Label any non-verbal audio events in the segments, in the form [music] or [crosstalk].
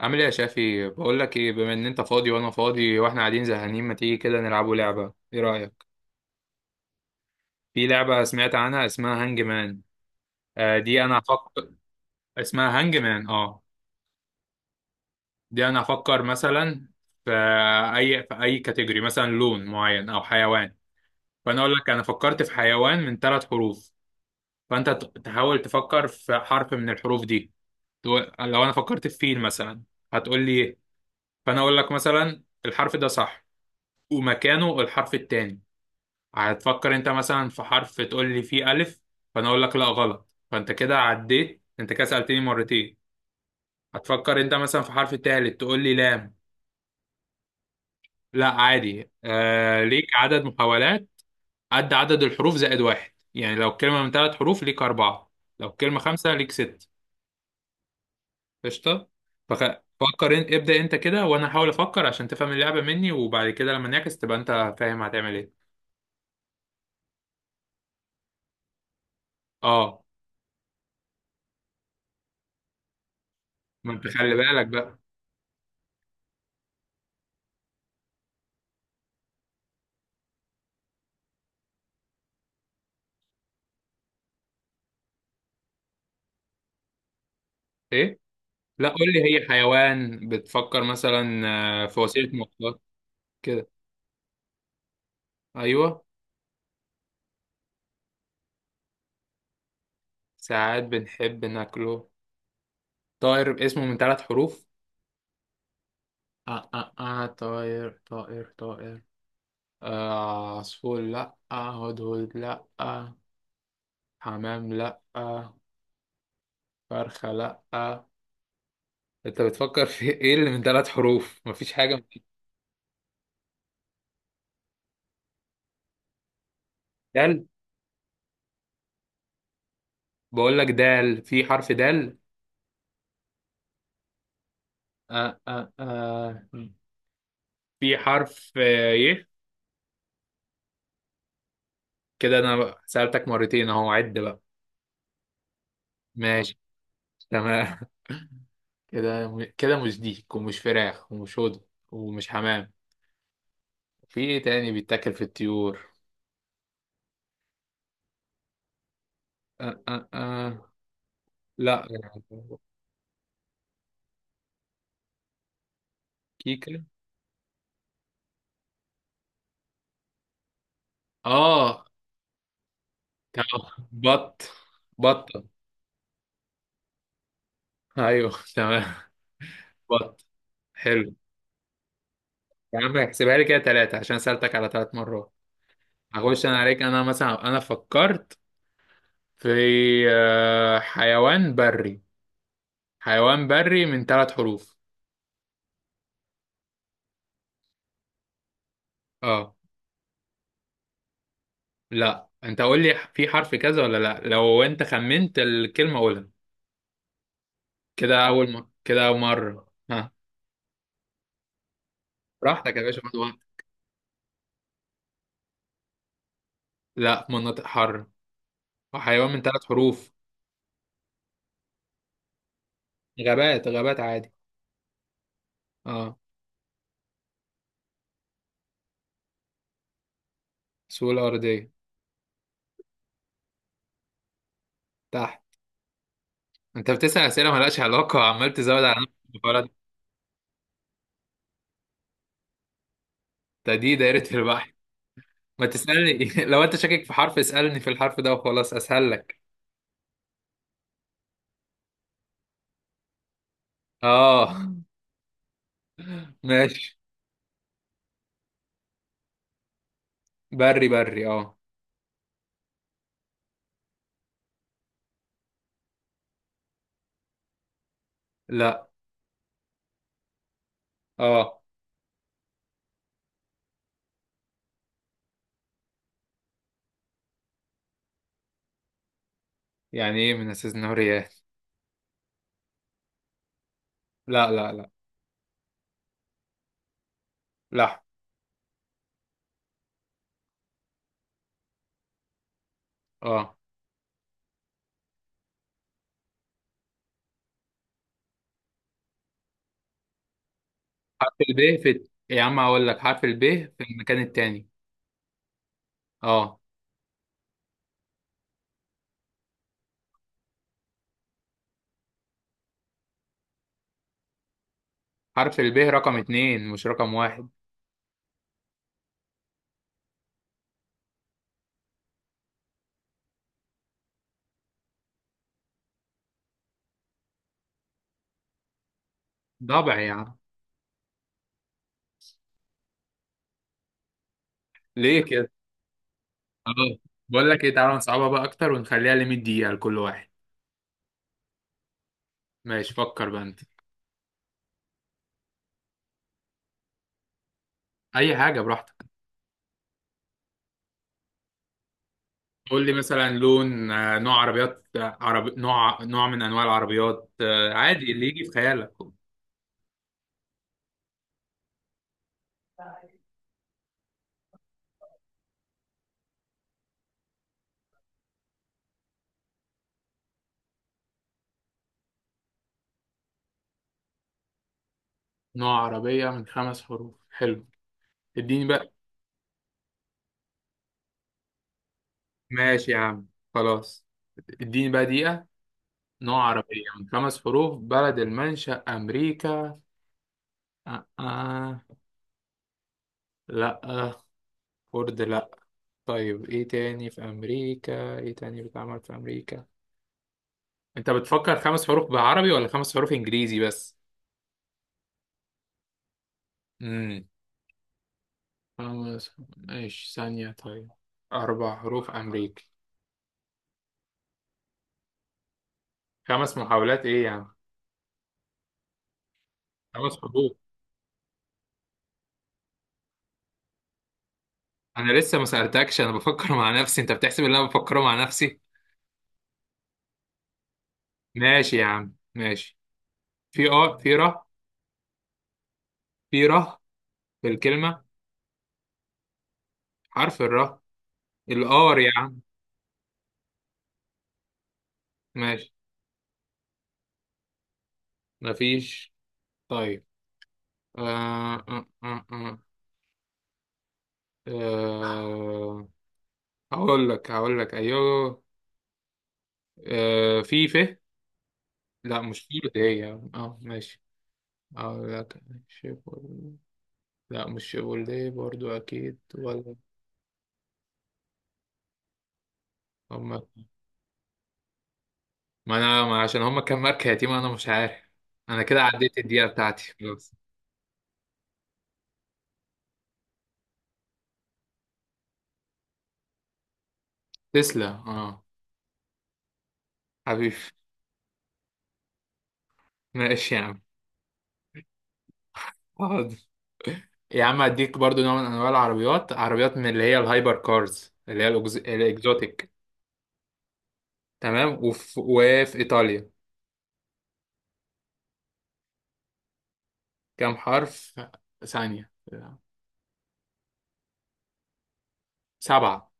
عامل ايه يا شافي؟ بقول لك ايه، بما ان انت فاضي وانا فاضي واحنا قاعدين زهقانين، ما تيجي كده نلعبوا لعبه؟ ايه رايك؟ في لعبه سمعت عنها اسمها هانج مان. آه، دي انا هفكر. اسمها هانج مان. اه، دي انا هفكر مثلا في في اي كاتيجوري، مثلا لون معين او حيوان. فانا اقول لك انا فكرت في حيوان من ثلاث حروف. فانت تحاول تفكر في حرف من الحروف دي. لو انا فكرت في فيل مثلا، هتقول لي ايه؟ فانا اقول لك مثلا الحرف ده صح، ومكانه الحرف التاني. هتفكر انت مثلا في حرف تقول لي فيه الف. فانا اقول لك لا غلط، فانت كده عديت، انت كده سألتني مرتين. هتفكر انت مثلا في حرف تالت تقول لي لام. لا عادي، ليك عدد محاولات قد عدد الحروف زائد واحد. يعني لو كلمة من ثلاث حروف ليك أربعة، لو كلمة خمسة ليك ست. قشطة. فخ... فكر انت، ابدأ انت كده وانا هحاول افكر عشان تفهم اللعبة مني، وبعد كده لما نعكس تبقى انت فاهم هتعمل ايه. اه، ما انت خلي بالك بقى. ايه؟ لا، قول لي هي حيوان بتفكر مثلا، في وسيلة مواصلات. كده. ايوه، ساعات بنحب ناكله. طائر اسمه من ثلاث حروف. طائر طائر طائر. عصفور؟ لا. هدهد؟ لا. حمام؟ لا. فرخة؟ لا. انت بتفكر في ايه اللي من ثلاث حروف؟ مفيش حاجة من دال. بقول لك دال، في حرف دال؟ آه آه آه في حرف ي. كده انا سألتك مرتين اهو، عد بقى. ماشي. تمام. [laughs] كده. كده مش ديك ومش فراخ ومش هدى ومش حمام. في ايه تاني بيتاكل في الطيور؟ أه أه أه. لا. كيكة؟ اه. تمام. بط. بطة. ايوه تمام. بط. حلو. يا عم احسبها لي كده ثلاثة عشان سألتك على ثلاث مرات. هخش انا عليك. انا مثلا انا فكرت في حيوان بري. حيوان بري من ثلاث حروف. اه. لا، انت قول لي في حرف كذا ولا لا، لو انت خمنت الكلمة قولها. كده اول مرة ها. براحتك يا باشا، خد وقت. لا، مناطق حر. وحيوان من ثلاث حروف. غابات، غابات عادي. اه. سهولة أرضية. تحت. انت بتسأل أسئلة مالهاش علاقة وعمال تزود على نفسك غلط. ده دي دايرة البحر. ما تسألني. [laughs] لو انت شاكك في حرف اسألني في الحرف ده وخلاص، اسهل لك. اه، ماشي. بري بري، اه. لا. اه. يعني ايه من اساس النهر ياه. لا لا لا. لحم. اه. حرف الب في، يا عم هقول لك حرف الب في المكان التاني. اه. حرف الب رقم اتنين مش رقم واحد. ضبع يا عم. ليه كده؟ اه. بقول لك ايه، تعالى نصعبها بقى اكتر ونخليها لمية دقيقة لكل واحد. ماشي، فكر بقى انت. اي حاجة براحتك. قول لي مثلا لون، نوع عربيات، عربي، نوع من انواع العربيات، عادي اللي يجي في خيالك. نوع عربية من خمس حروف، حلو. اديني بقى. ماشي يا عم. خلاص. اديني بقى دقيقة. نوع عربية من خمس حروف، بلد المنشأ أمريكا. آه. آه. لأ. فورد لأ. طيب إيه تاني في أمريكا؟ إيه تاني بيتعمل في أمريكا؟ أنت بتفكر خمس حروف بعربي ولا خمس حروف إنجليزي بس؟ امم خمس، ماشي ثانية. طيب، أربع حروف أمريكي. خمس محاولات إيه يعني؟ خمس حروف. أنا لسه ما سألتكش، أنا بفكر مع نفسي. أنت بتحسب إن أنا بفكره مع نفسي؟ ماشي يا عم ماشي. في ر في ر في الكلمة. حرف الر، الار يعني. ماشي. مفيش. طيب. آه آه آه آه. آه، هقول لك ايوه. في ف. لا، مش في اللي هي. اه ماشي. هقول لك. شيبول. لا مش شيبول دي برضو، اكيد ولا. هم. ما انا ما عشان هم كام ماركه يا تيمة، انا مش عارف. انا كده عديت الدقيقه بتاعتي خلاص. تسلا، اه. حبيبي. ماشي يا عم. آه، يا عم اديك برضو نوع من انواع العربيات، عربيات من اللي هي الهايبر كارز، اللي هي الاكزوتيك. تمام. وفي ايطاليا. كام حرف؟ ثانية. سبعة.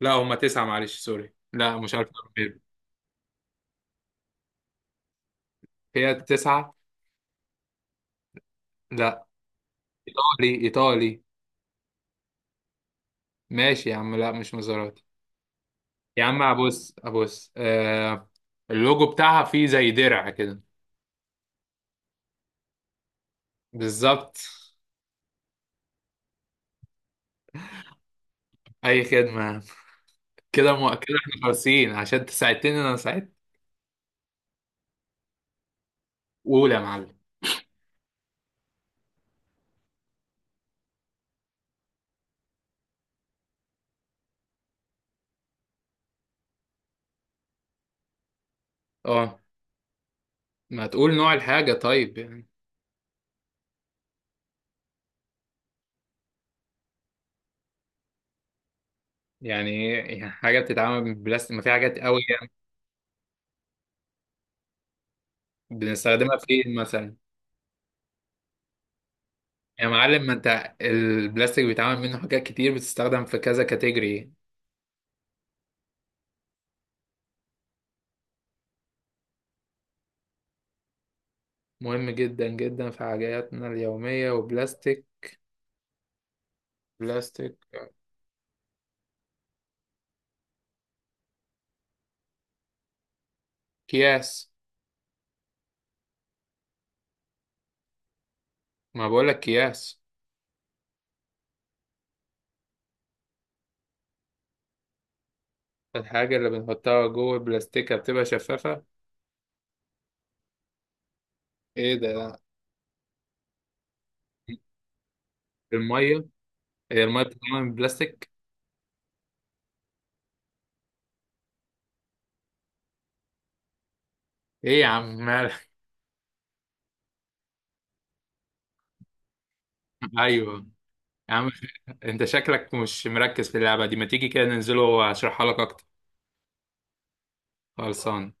لا هما تسعة معلش سوري. لا مش عارف. أعمل. هي تسعة. لا. ايطالي ايطالي. ماشي يا عم، لا مش مزاراتي. يا عم ابص ابص اللوجو بتاعها فيه زي درع كده. بالظبط. اي خدمة. كده احنا خالصين عشان انت ساعدتني انا ساعدت. اولى يا معلم. اه، ما تقول نوع الحاجة طيب يعني. يعني ايه؟ يعني حاجة بتتعمل من البلاستيك؟ ما في حاجات قوي يعني. بنستخدمها فين مثلا؟ يا معلم، ما انت البلاستيك بيتعمل منه حاجات كتير، بتستخدم في كذا كاتيجوري. مهم جدا جدا في حاجاتنا اليومية. وبلاستيك. بلاستيك. اكياس. ما بقول لك اكياس. الحاجة اللي بنحطها جوه البلاستيكة بتبقى شفافة. ايه ده؟ المية. هي المية بتتعمل من بلاستيك؟ ايه يا عم مالك؟ [laughs] ايوه يا عم. [laughs] انت شكلك مش مركز في اللعبة دي، ما تيجي كده ننزله واشرحها لك اكتر. خلصان.